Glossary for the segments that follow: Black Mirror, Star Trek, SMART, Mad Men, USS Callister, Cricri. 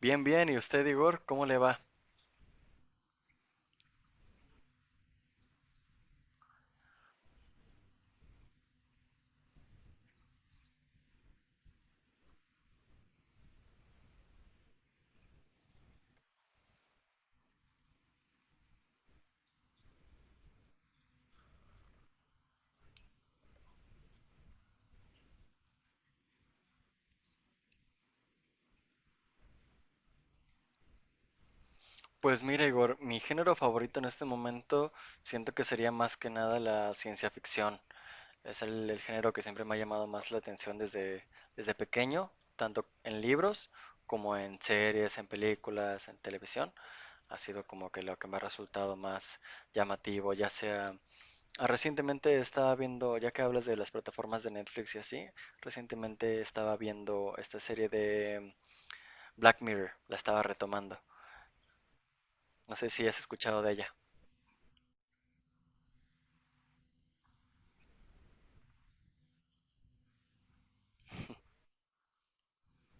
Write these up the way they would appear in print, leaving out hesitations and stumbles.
Bien, bien. ¿Y usted, Igor? ¿Cómo le va? Pues mira, Igor, mi género favorito en este momento siento que sería más que nada la ciencia ficción. Es el género que siempre me ha llamado más la atención desde pequeño, tanto en libros como en series, en películas, en televisión. Ha sido como que lo que me ha resultado más llamativo, ya sea. Recientemente estaba viendo, ya que hablas de las plataformas de Netflix y así, recientemente estaba viendo esta serie de Black Mirror, la estaba retomando. No sé si has escuchado de ella.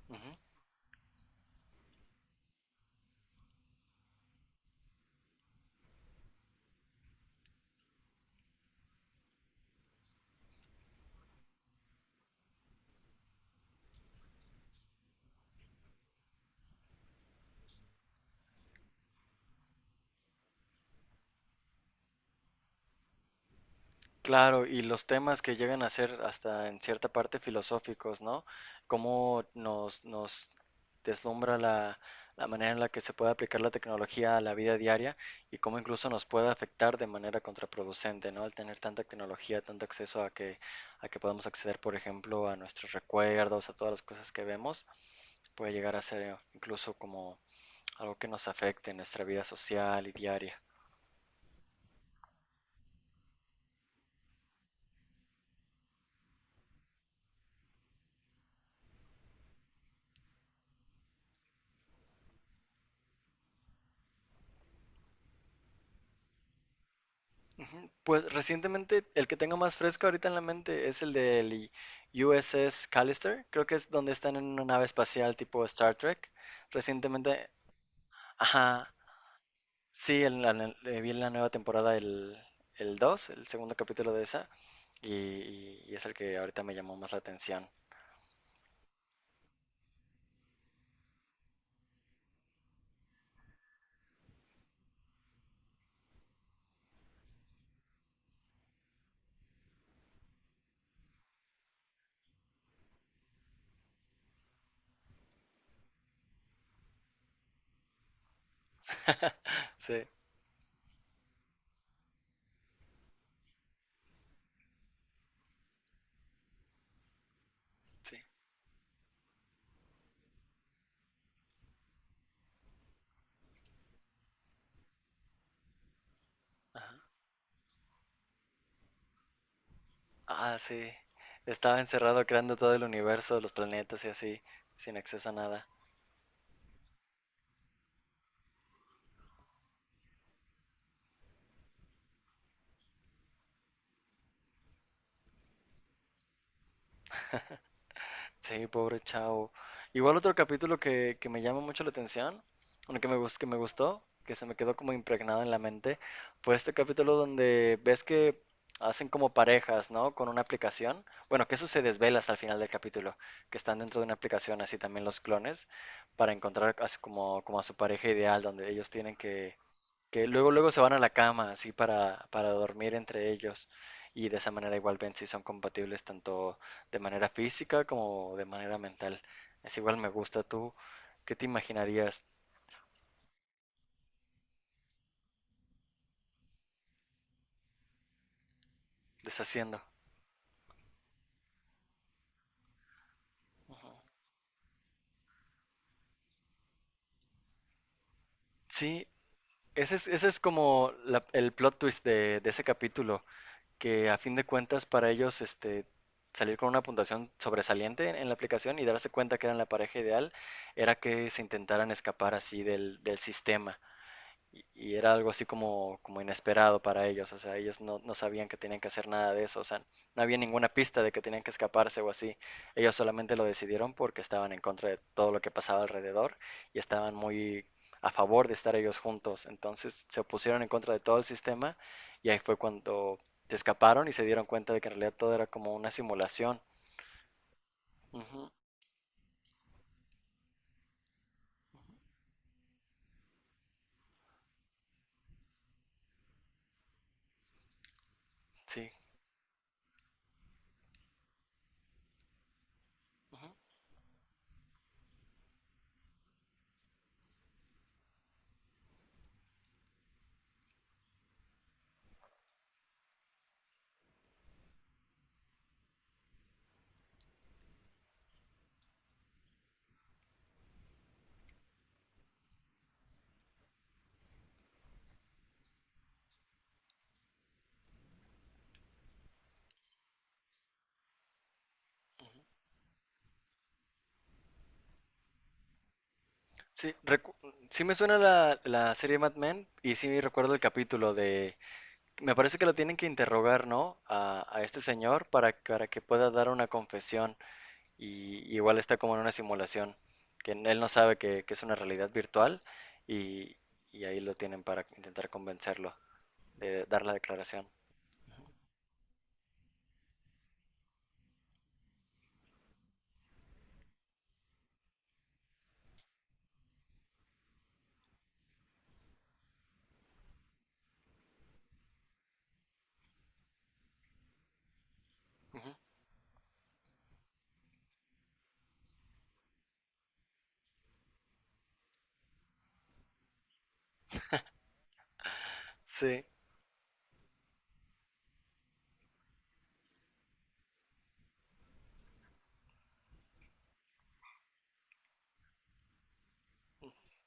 Ujú. Claro, y los temas que llegan a ser hasta en cierta parte filosóficos, ¿no? Cómo nos deslumbra la manera en la que se puede aplicar la tecnología a la vida diaria y cómo incluso nos puede afectar de manera contraproducente, ¿no? Al tener tanta tecnología, tanto acceso a que, podamos acceder, por ejemplo, a nuestros recuerdos, a todas las cosas que vemos, puede llegar a ser incluso como algo que nos afecte en nuestra vida social y diaria. Ujú. Pues recientemente el que tengo más fresco ahorita en la mente es el del USS Callister, creo que es donde están en una nave espacial tipo Star Trek. Recientemente, ajá, sí, vi en la nueva temporada el segundo capítulo de esa, y es el que ahorita me llamó más la atención. Sí, sí, ajá. Ah, sí, estaba encerrado creando todo el universo, los planetas y así, sin acceso a nada. Sí, pobre chavo. Igual otro capítulo que me llama mucho la atención, bueno, que me gustó, que se me quedó como impregnado en la mente, fue este capítulo donde ves que hacen como parejas, ¿no? Con una aplicación. Bueno, que eso se desvela hasta el final del capítulo, que están dentro de una aplicación, así también los clones, para encontrar así como, como a su pareja ideal, donde ellos tienen que luego luego se van a la cama así para dormir entre ellos y de esa manera igual ven si son compatibles tanto de manera física como de manera mental. Es igual me gusta tú, ¿qué te imaginarías deshaciendo? Ujú. Sí, ese es como el plot twist de ese capítulo, que a fin de cuentas para ellos este, salir con una puntuación sobresaliente en la aplicación y darse cuenta que eran la pareja ideal era que se intentaran escapar así del sistema y era algo así como, como inesperado para ellos, o sea, ellos no sabían que tenían que hacer nada de eso, o sea, no había ninguna pista de que tenían que escaparse o así, ellos solamente lo decidieron porque estaban en contra de todo lo que pasaba alrededor y estaban muy a favor de estar ellos juntos, entonces se opusieron en contra de todo el sistema y ahí fue cuando se escaparon y se dieron cuenta de que en realidad todo era como una simulación. Ujú, sí, ujú. Sí, recu- sí, me suena la serie Mad Men y sí recuerdo el capítulo de. Me parece que lo tienen que interrogar, ¿no? A este señor para que pueda dar una confesión. Y igual está como en una simulación, que él no sabe que es una realidad virtual y, y ahí lo tienen para intentar convencerlo de dar la declaración. Ujú. Sí,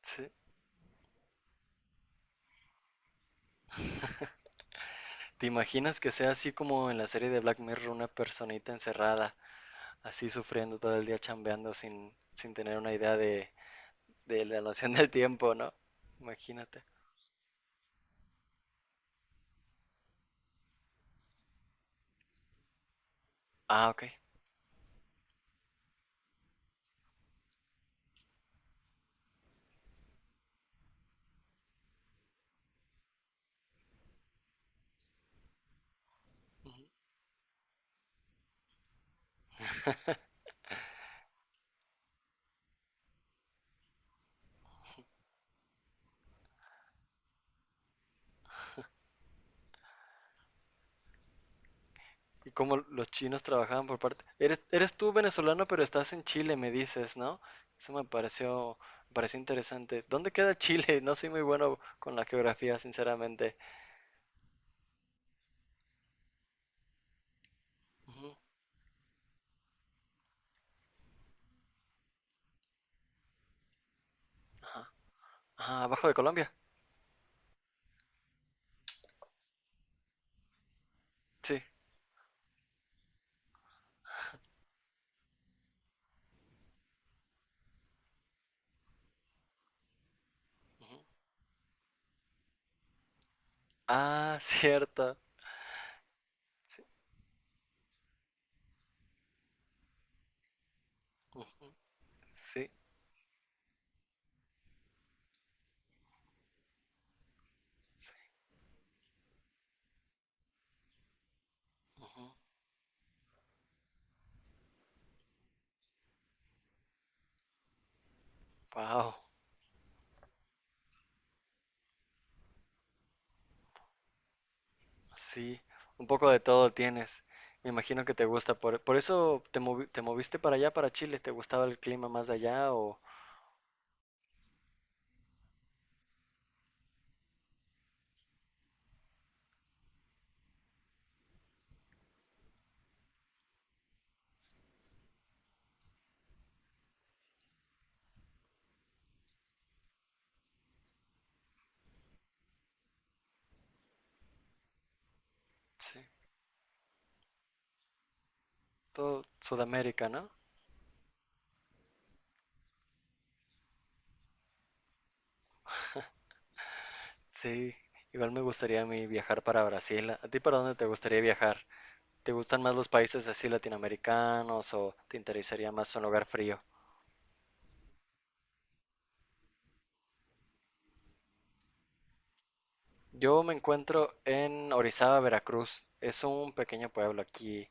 sí. ¿Te imaginas que sea así como en la serie de Black Mirror, una personita encerrada, así sufriendo todo el día chambeando sin tener una idea de la noción del tiempo, ¿no? Imagínate. Ah, ok. Y cómo los chinos trabajaban por parte. Eres tú venezolano, pero estás en Chile, me dices, ¿no? Eso me pareció, me pareció interesante. ¿Dónde queda Chile? No soy muy bueno con la geografía, sinceramente. Ujú, ajá. Ah, abajo de Colombia. Sí. Ujú. Ah, cierto. Sí. Ujú, sí. Wow. Sí. Un poco de todo tienes. Me imagino que te gusta. Por eso te moviste para allá, para Chile. ¿Te gustaba el clima más de allá o? Sí. Todo Sudamérica, ¿no? Sí, igual me gustaría a mí viajar para Brasil. ¿A ti para dónde te gustaría viajar? ¿Te gustan más los países así latinoamericanos o te interesaría más un lugar frío? Yo me encuentro en Orizaba, Veracruz. Es un pequeño pueblo aquí.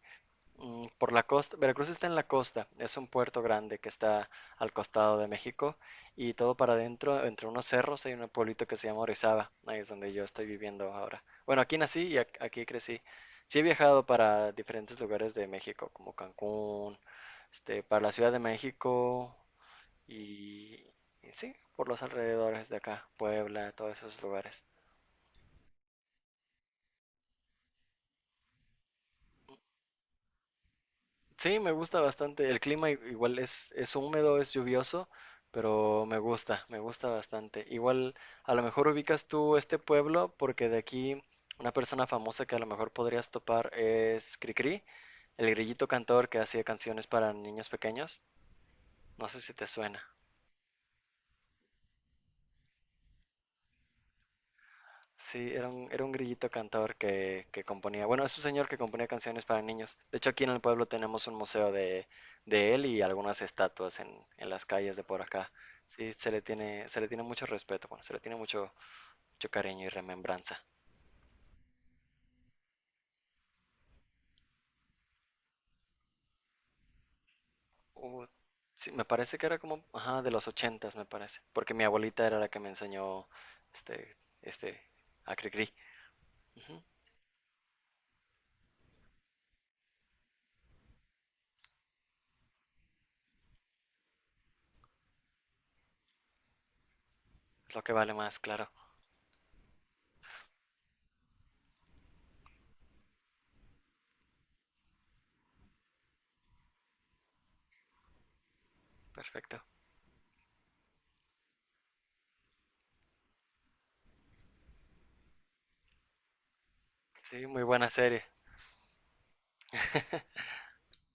Por la costa, Veracruz está en la costa, es un puerto grande que está al costado de México y todo para adentro, entre unos cerros hay un pueblito que se llama Orizaba, ahí es donde yo estoy viviendo ahora. Bueno, aquí nací y aquí crecí. Sí he viajado para diferentes lugares de México, como Cancún, para la Ciudad de México y, y sí, por los alrededores de acá, Puebla, todos esos lugares. Sí, me gusta bastante. El clima igual es húmedo, es lluvioso, pero me gusta bastante. Igual, a lo mejor ubicas tú este pueblo, porque de aquí una persona famosa que a lo mejor podrías topar es Cricri, el grillito cantor que hacía canciones para niños pequeños. No sé si te suena. Sí, era un grillito cantor que componía. Bueno, es un señor que componía canciones para niños. De hecho, aquí en el pueblo tenemos un museo de él y algunas estatuas en las calles de por acá. Sí, se le tiene mucho respeto, bueno, se le tiene mucho, mucho cariño y remembranza. Hubo- sí, me parece que era como, ajá, de los ochentas, me parece. Porque mi abuelita era la que me enseñó este, este, a Cricri. Ujú, es lo que vale más, claro. Perfecto. Sí, muy buena serie.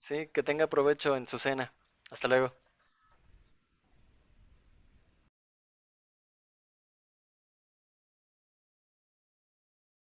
Sí, que tenga provecho en su cena. Hasta luego.